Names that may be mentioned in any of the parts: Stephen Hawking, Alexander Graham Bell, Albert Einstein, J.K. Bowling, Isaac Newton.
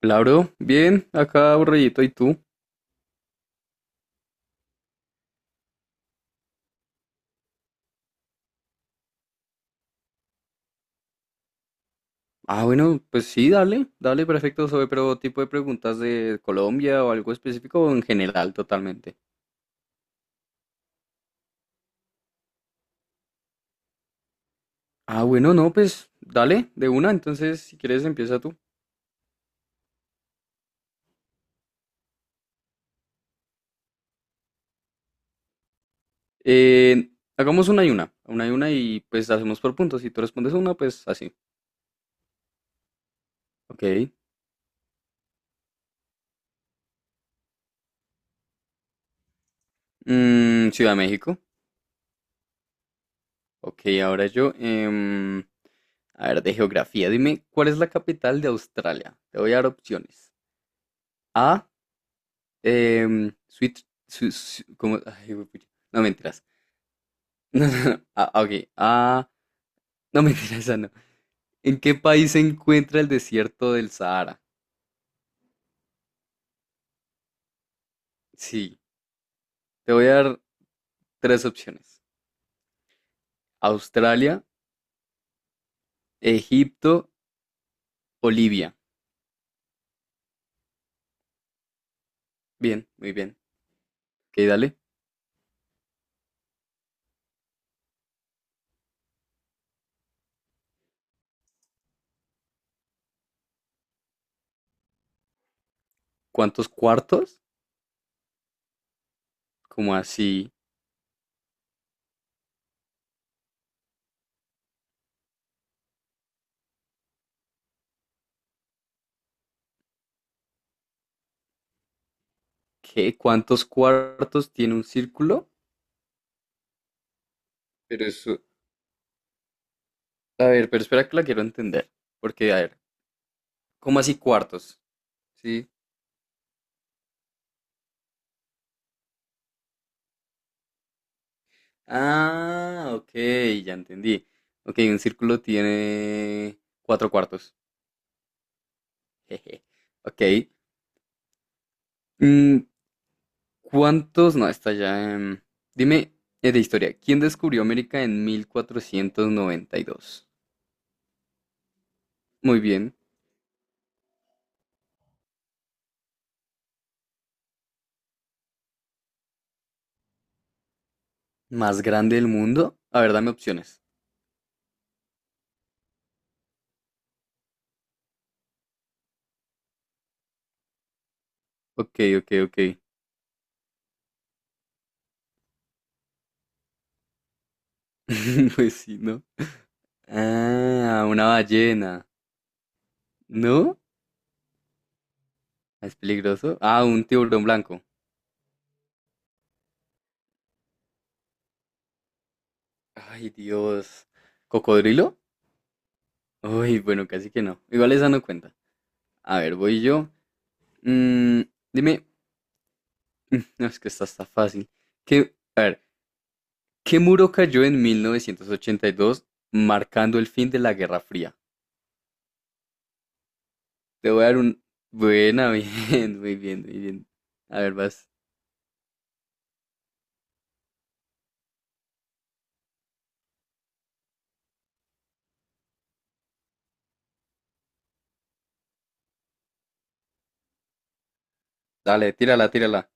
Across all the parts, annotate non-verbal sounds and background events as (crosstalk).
Claro, bien, acá aburridito, ¿y tú? Ah, bueno, pues sí, dale, dale, perfecto, pero tipo de preguntas de Colombia o algo específico o en general totalmente. Ah, bueno, no, pues dale, de una, entonces si quieres empieza tú. Eh, Hagamos una y una, una y una, y pues hacemos por puntos, si tú respondes una, pues así. Ok. Ciudad de México. Ok, ahora yo. A ver, de geografía, dime, ¿cuál es la capital de Australia? Te voy a dar opciones. A, Sweet. ¿Cómo? Ay, huepucha. No mentiras. (laughs) No, no, no. Ah, ok. Ah, (laughs) no mentiras, esa no. ¿En qué país se encuentra el desierto del Sahara? Sí. Te voy a dar tres opciones: Australia, Egipto o Libia. Bien, muy bien. Ok, dale. ¿Cuántos cuartos? ¿Como así? ¿Qué? ¿Cuántos cuartos tiene un círculo? Pero eso. A ver, pero espera que la quiero entender. Porque, a ver, ¿cómo así cuartos? Sí. Ah, ok, ya entendí. Ok, un círculo tiene cuatro cuartos. (laughs) Jeje. Ok. Mm, ¿Cuántos? No, está ya. Dime, de historia, ¿quién descubrió América en 1492? Muy bien. ¿Más grande del mundo? A ver, dame opciones. Ok, ok, ok. (laughs) Pues sí, ¿no? Ah, una ballena. ¿No? ¿Es peligroso? Ah, un tiburón blanco. Ay, Dios. ¿Cocodrilo? Uy, bueno, casi que no. Igual esa no cuenta. A ver, voy yo. Mm, dime, (laughs) no, es que esta está fácil. A ver, ¿qué muro cayó en 1982 marcando el fin de la Guerra Fría? Te voy a dar un... Buena, (laughs) bien, muy bien, muy bien. A ver, vas. Dale, tírala, tírala.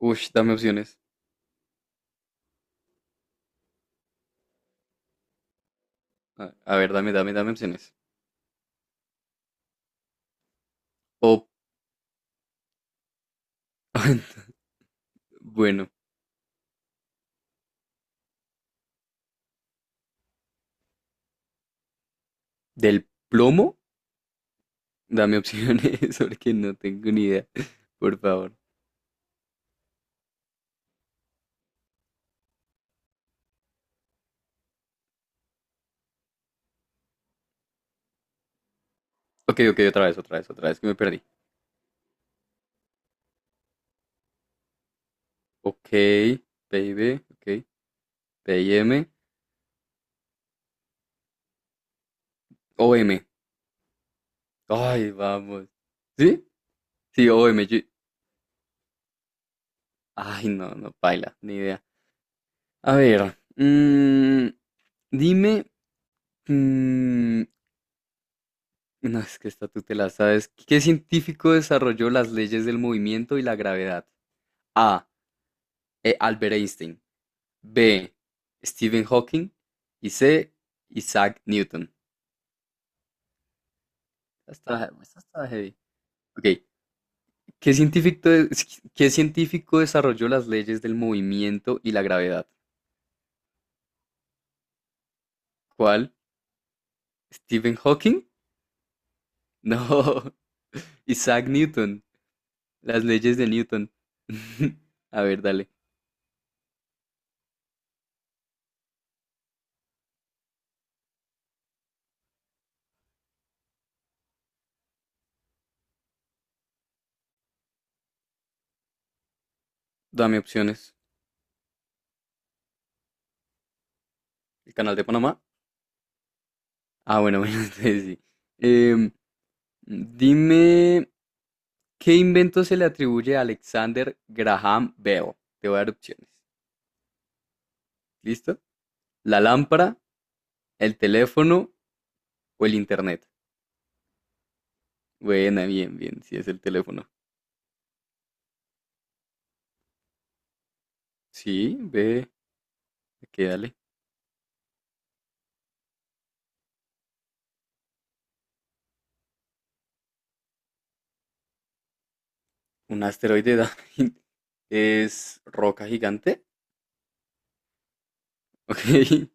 Uy, dame opciones. A ver, dame, dame, dame opciones. O, (laughs) bueno, del plomo, dame opciones (laughs) porque no tengo ni idea. Por favor. Ok, ok, otra vez, otra vez, otra vez, que me perdí. Ok, PIB, ok, P M, O M. Ay, vamos. ¿Sí? Sí, OM. Ay, no, no, paila, ni idea. A ver, dime, mm, no, es que esta tú te la sabes. ¿Qué científico desarrolló las leyes del movimiento y la gravedad? A. Albert Einstein. B. Stephen Hawking. Y C. Isaac Newton. Esta está heavy. Ok, ¿Qué científico desarrolló las leyes del movimiento y la gravedad? ¿Cuál? ¿Stephen Hawking? No. (laughs) Isaac Newton. Las leyes de Newton. (laughs) A ver, dale. Dame opciones. ¿El canal de Panamá? Ah, bueno, (laughs) bueno, entonces sí. Em, dime, ¿qué invento se le atribuye a Alexander Graham Bell? Te voy a dar opciones. ¿Listo? ¿La lámpara, el teléfono o el internet? Buena, bien, bien. Si es el teléfono. Sí, ve, que dale. Un asteroide (laughs) es roca gigante. Ok. (laughs)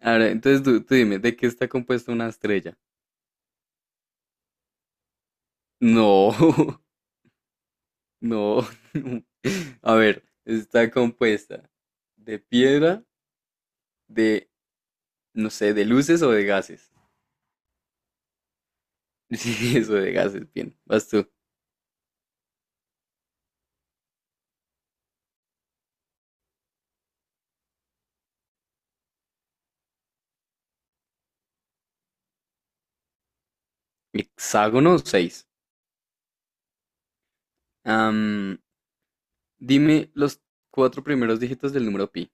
Ahora, entonces tú dime, ¿de qué está compuesta una estrella? No, (laughs) no, (laughs) no. A ver, está compuesta de piedra, de, no sé, de luces o de gases. (laughs) Sí, eso de gases, bien. Vas tú. Hexágono 6. Dime los cuatro primeros dígitos del número pi.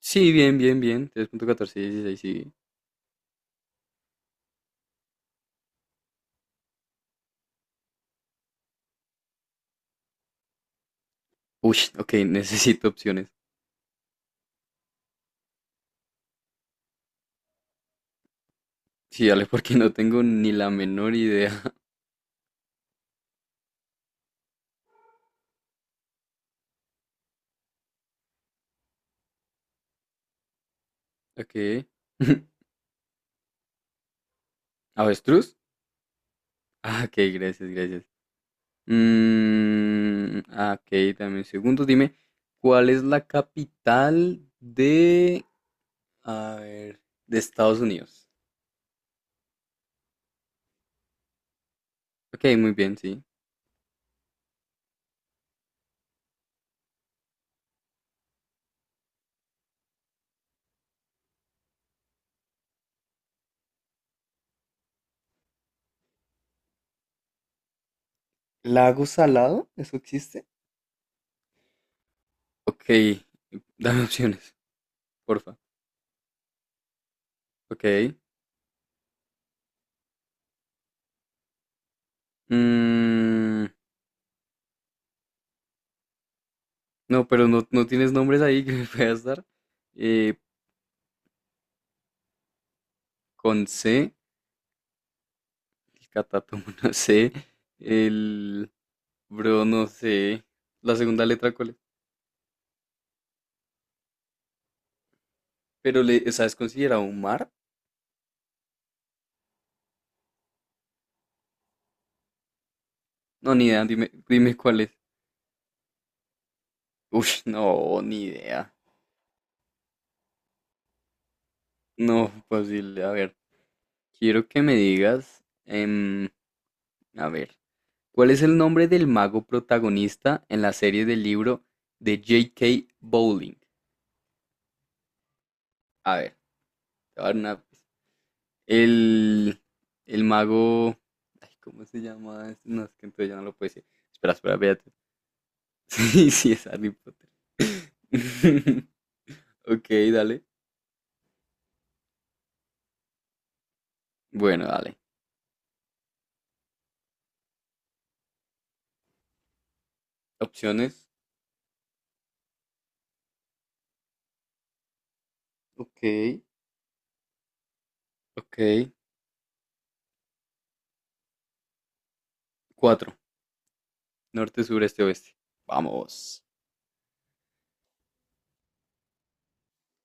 Sí, bien, bien, bien. 3,1416, sí. Uy, ok, (laughs) necesito opciones. Sí, dale, porque no tengo ni la menor idea. (laughs) Ok. (laughs) ¿Avestruz? Ah, ok, gracias, gracias. Ah, ok, dame un segundo. Dime, ¿cuál es la capital de... A ver, de Estados Unidos? Ok, muy bien, sí. ¿Lago salado? ¿Eso existe? Ok, dame opciones, porfa. Ok. mm, no, pero no, no tienes nombres ahí que me puedas dar. Eh, Con C, el catatomo no sé, (laughs) el bro no sé, la segunda letra cuál es, pero le, sabes es considerado un mar. No, ni idea, dime, dime cuál es. Uy, (laughs) no, ni idea. No, posible. A ver, quiero que me digas, a ver, ¿cuál es el nombre del mago protagonista en la serie del libro de J.K. Bowling? A ver, te voy a dar una pista. El, el mago. Ay, ¿cómo se llama? ¿este? No, es que entonces ya no lo puedo decir. Espera, espera, espérate. (laughs) Sí, sí, es Harry Potter. (laughs) Ok, dale. Bueno, dale. Opciones. Ok, ok. Cuatro. Norte, sur, este, oeste. Vamos.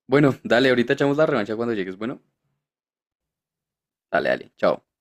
Bueno, dale, ahorita echamos la revancha cuando llegues. Bueno, dale, dale. Chao.